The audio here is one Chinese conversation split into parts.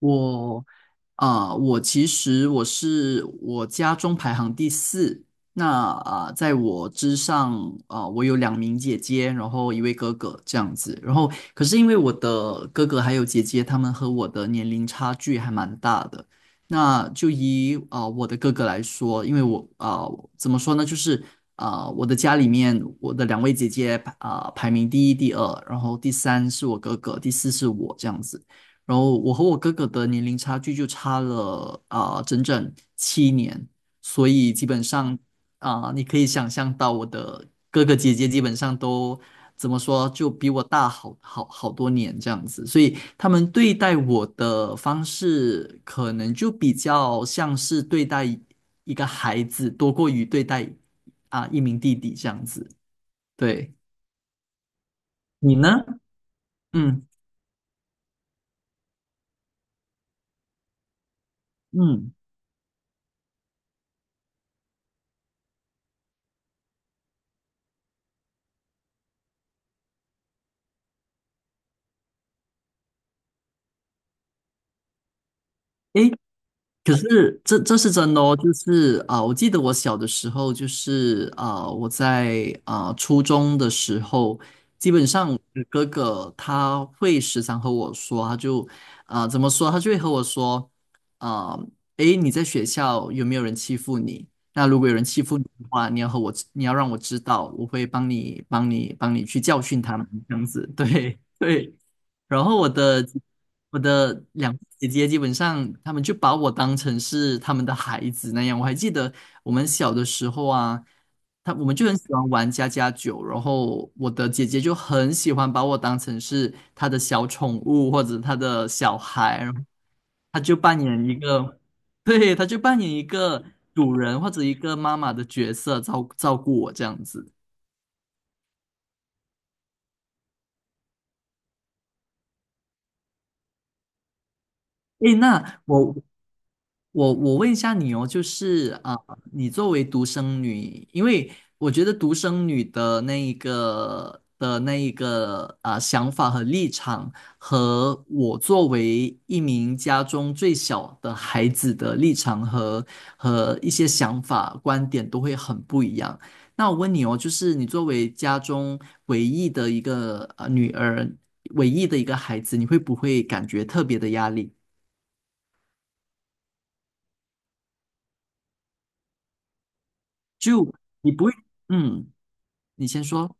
我我其实是我家中排行第四。那，在我之上，我有两名姐姐，然后一位哥哥这样子。然后，可是因为我的哥哥还有姐姐，他们和我的年龄差距还蛮大的。那就以我的哥哥来说，因为我啊、怎么说呢？我的家里面，我的两位姐姐,排名第一、第二，然后第三是我哥哥，第四是我这样子。然后我和我哥哥的年龄差距就差了整整7年，所以基本上,你可以想象到我的哥哥姐姐基本上都怎么说，就比我大多年这样子，所以他们对待我的方式可能就比较像是对待一个孩子，多过于对待一名弟弟这样子。对，你呢？嗯嗯，诶，可是这是真的哦，就是我记得我小的时候，就是我在初中的时候，基本上我的哥哥他会时常和我说，他就啊、怎么说，他就会和我说啊，诶，你在学校有没有人欺负你？那如果有人欺负你的话，你要让我知道，我会帮你去教训他们，这样子，对对。然后我的两个姐姐基本上，她们就把我当成是她们的孩子那样。我还记得我们小的时候啊，我们就很喜欢玩家家酒，然后我的姐姐就很喜欢把我当成是她的小宠物或者她的小孩，然后她就扮演一个，对，她就扮演一个主人或者一个妈妈的角色，照照顾我这样子。诶，那我问一下你哦，就是你作为独生女，因为我觉得独生女的那一个的那一个啊、呃想法和立场，和我作为一名家中最小的孩子的立场和一些想法观点都会很不一样。那我问你哦，就是你作为家中唯一的一个女儿，唯一的一个孩子，你会不会感觉特别的压力？就你不会，嗯。你先说，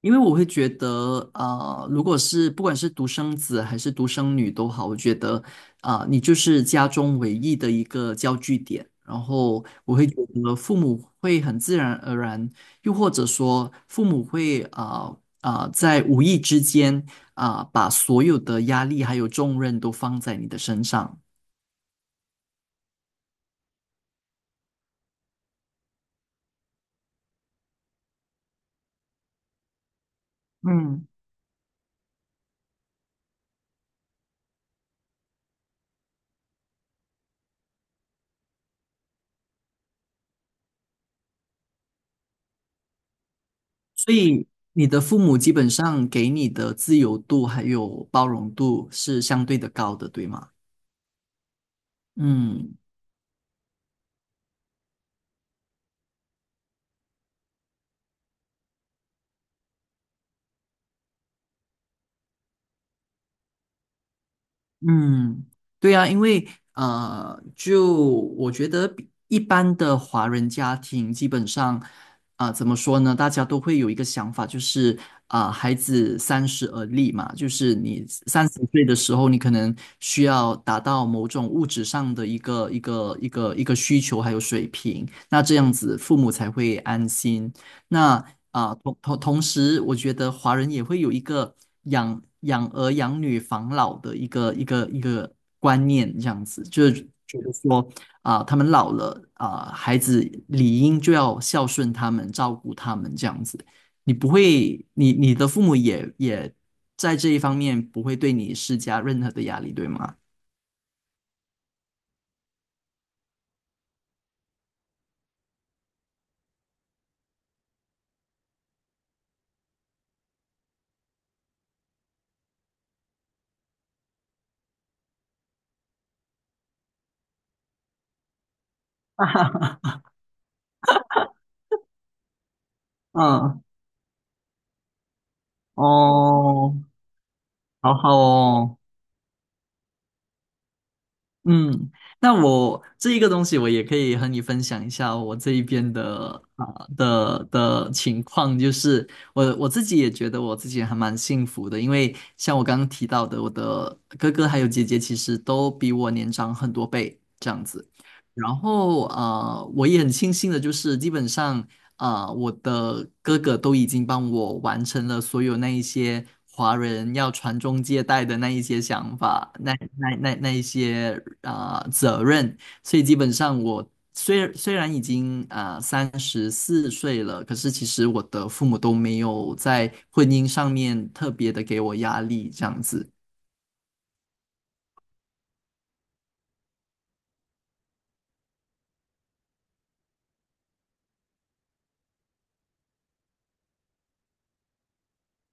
因为我会觉得，如果是不管是独生子还是独生女都好，我觉得,你就是家中唯一的一个焦聚点。然后我会觉得父母会很自然而然，又或者说父母会,在无意之间,把所有的压力还有重任都放在你的身上。嗯。所以你的父母基本上给你的自由度还有包容度是相对的高的，对吗？嗯嗯，对啊，因为就我觉得比一般的华人家庭，基本上,怎么说呢？大家都会有一个想法，就是孩子三十而立嘛，就是你30岁的时候，你可能需要达到某种物质上的一个需求还有水平，那这样子父母才会安心。那同时,我觉得华人也会有一个养儿养女防老的一个观念，这样子就是觉得说啊，他们老了啊，孩子理应就要孝顺他们，照顾他们这样子。你不会，你的父母也在这一方面不会对你施加任何的压力，对吗？嗯，哦，好好哦。嗯，那我这一个东西，我也可以和你分享一下我这一边的啊、的的情况，就是我自己也觉得我自己还蛮幸福的，因为像我刚刚提到的，我的哥哥还有姐姐其实都比我年长很多倍这样子。然后啊，我也很庆幸的就是，基本上,我的哥哥都已经帮我完成了所有那一些华人要传宗接代的那一些想法，那一些责任，所以基本上我虽然已经34岁了，可是其实我的父母都没有在婚姻上面特别的给我压力这样子。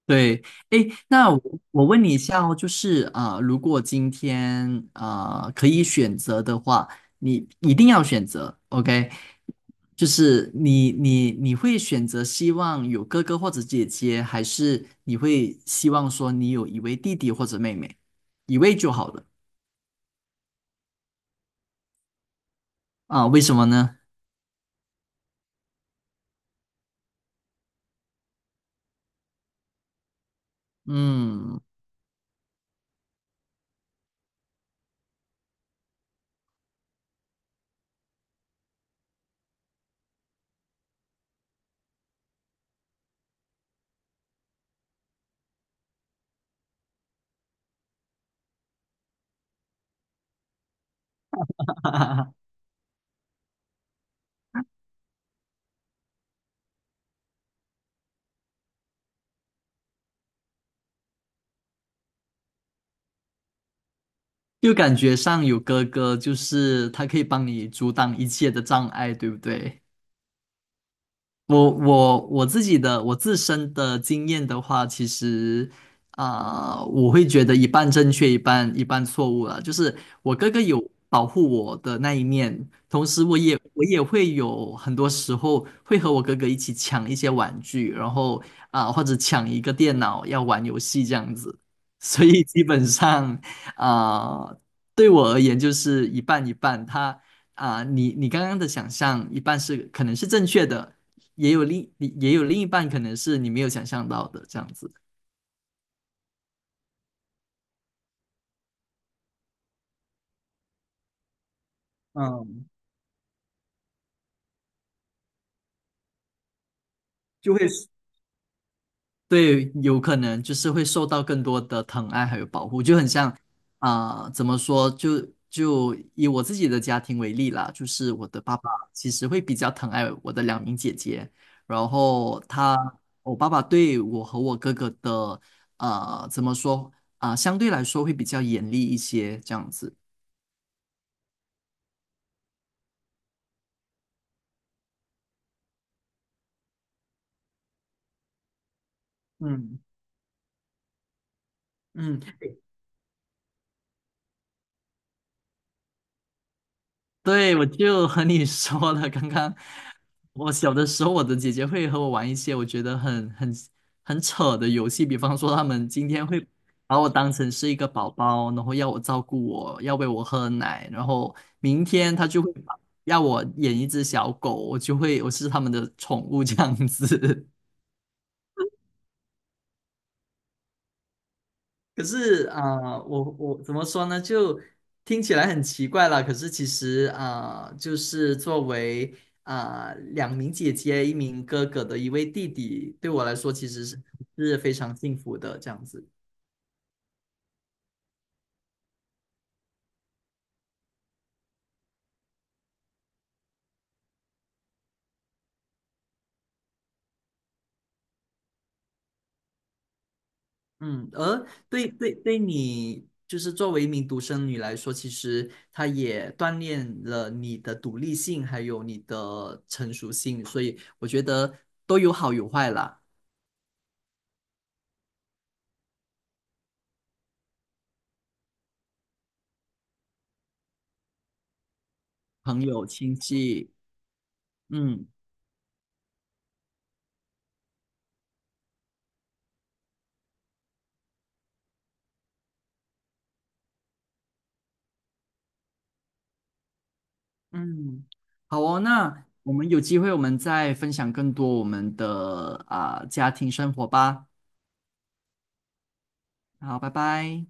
对，哎，那我问你一下哦，就是如果今天可以选择的话，你一定要选择，OK?就是你会选择希望有哥哥或者姐姐，还是你会希望说你有一位弟弟或者妹妹，一位就好了啊？为什么呢？嗯，就感觉上有哥哥，就是他可以帮你阻挡一切的障碍，对不对？我自身的经验的话，其实我会觉得一半正确，一半错误了。就是我哥哥有保护我的那一面，同时我也会有很多时候会和我哥哥一起抢一些玩具，然后或者抢一个电脑要玩游戏这样子。所以基本上啊、呃对我而言就是一半一半。你刚刚的想象一半是可能是正确的。也有另一半可能是你没有想象到的这样子。嗯，就会对，有可能就是会受到更多的疼爱还有保护，就很像,怎么说？就以我自己的家庭为例啦，就是我的爸爸其实会比较疼爱我的两名姐姐，然后我爸爸对我和我哥哥的怎么说,相对来说会比较严厉一些，这样子。嗯嗯，对，我就和你说了，刚刚我小的时候，我的姐姐会和我玩一些我觉得很扯的游戏，比方说他们今天会把我当成是一个宝宝，然后要我照顾我，要喂我喝奶，然后明天他就会把要我演一只小狗，我就会我是他们的宠物这样子。可是我怎么说呢？就听起来很奇怪啦。可是其实就是作为两名姐姐、一名哥哥的一位弟弟，对我来说其实是是非常幸福的这样子。嗯，而对你，就是作为一名独生女来说，其实她也锻炼了你的独立性，还有你的成熟性，所以我觉得都有好有坏啦，朋友、亲戚，嗯。嗯，好哦，那我们有机会我们再分享更多我们的家庭生活吧。好，拜拜。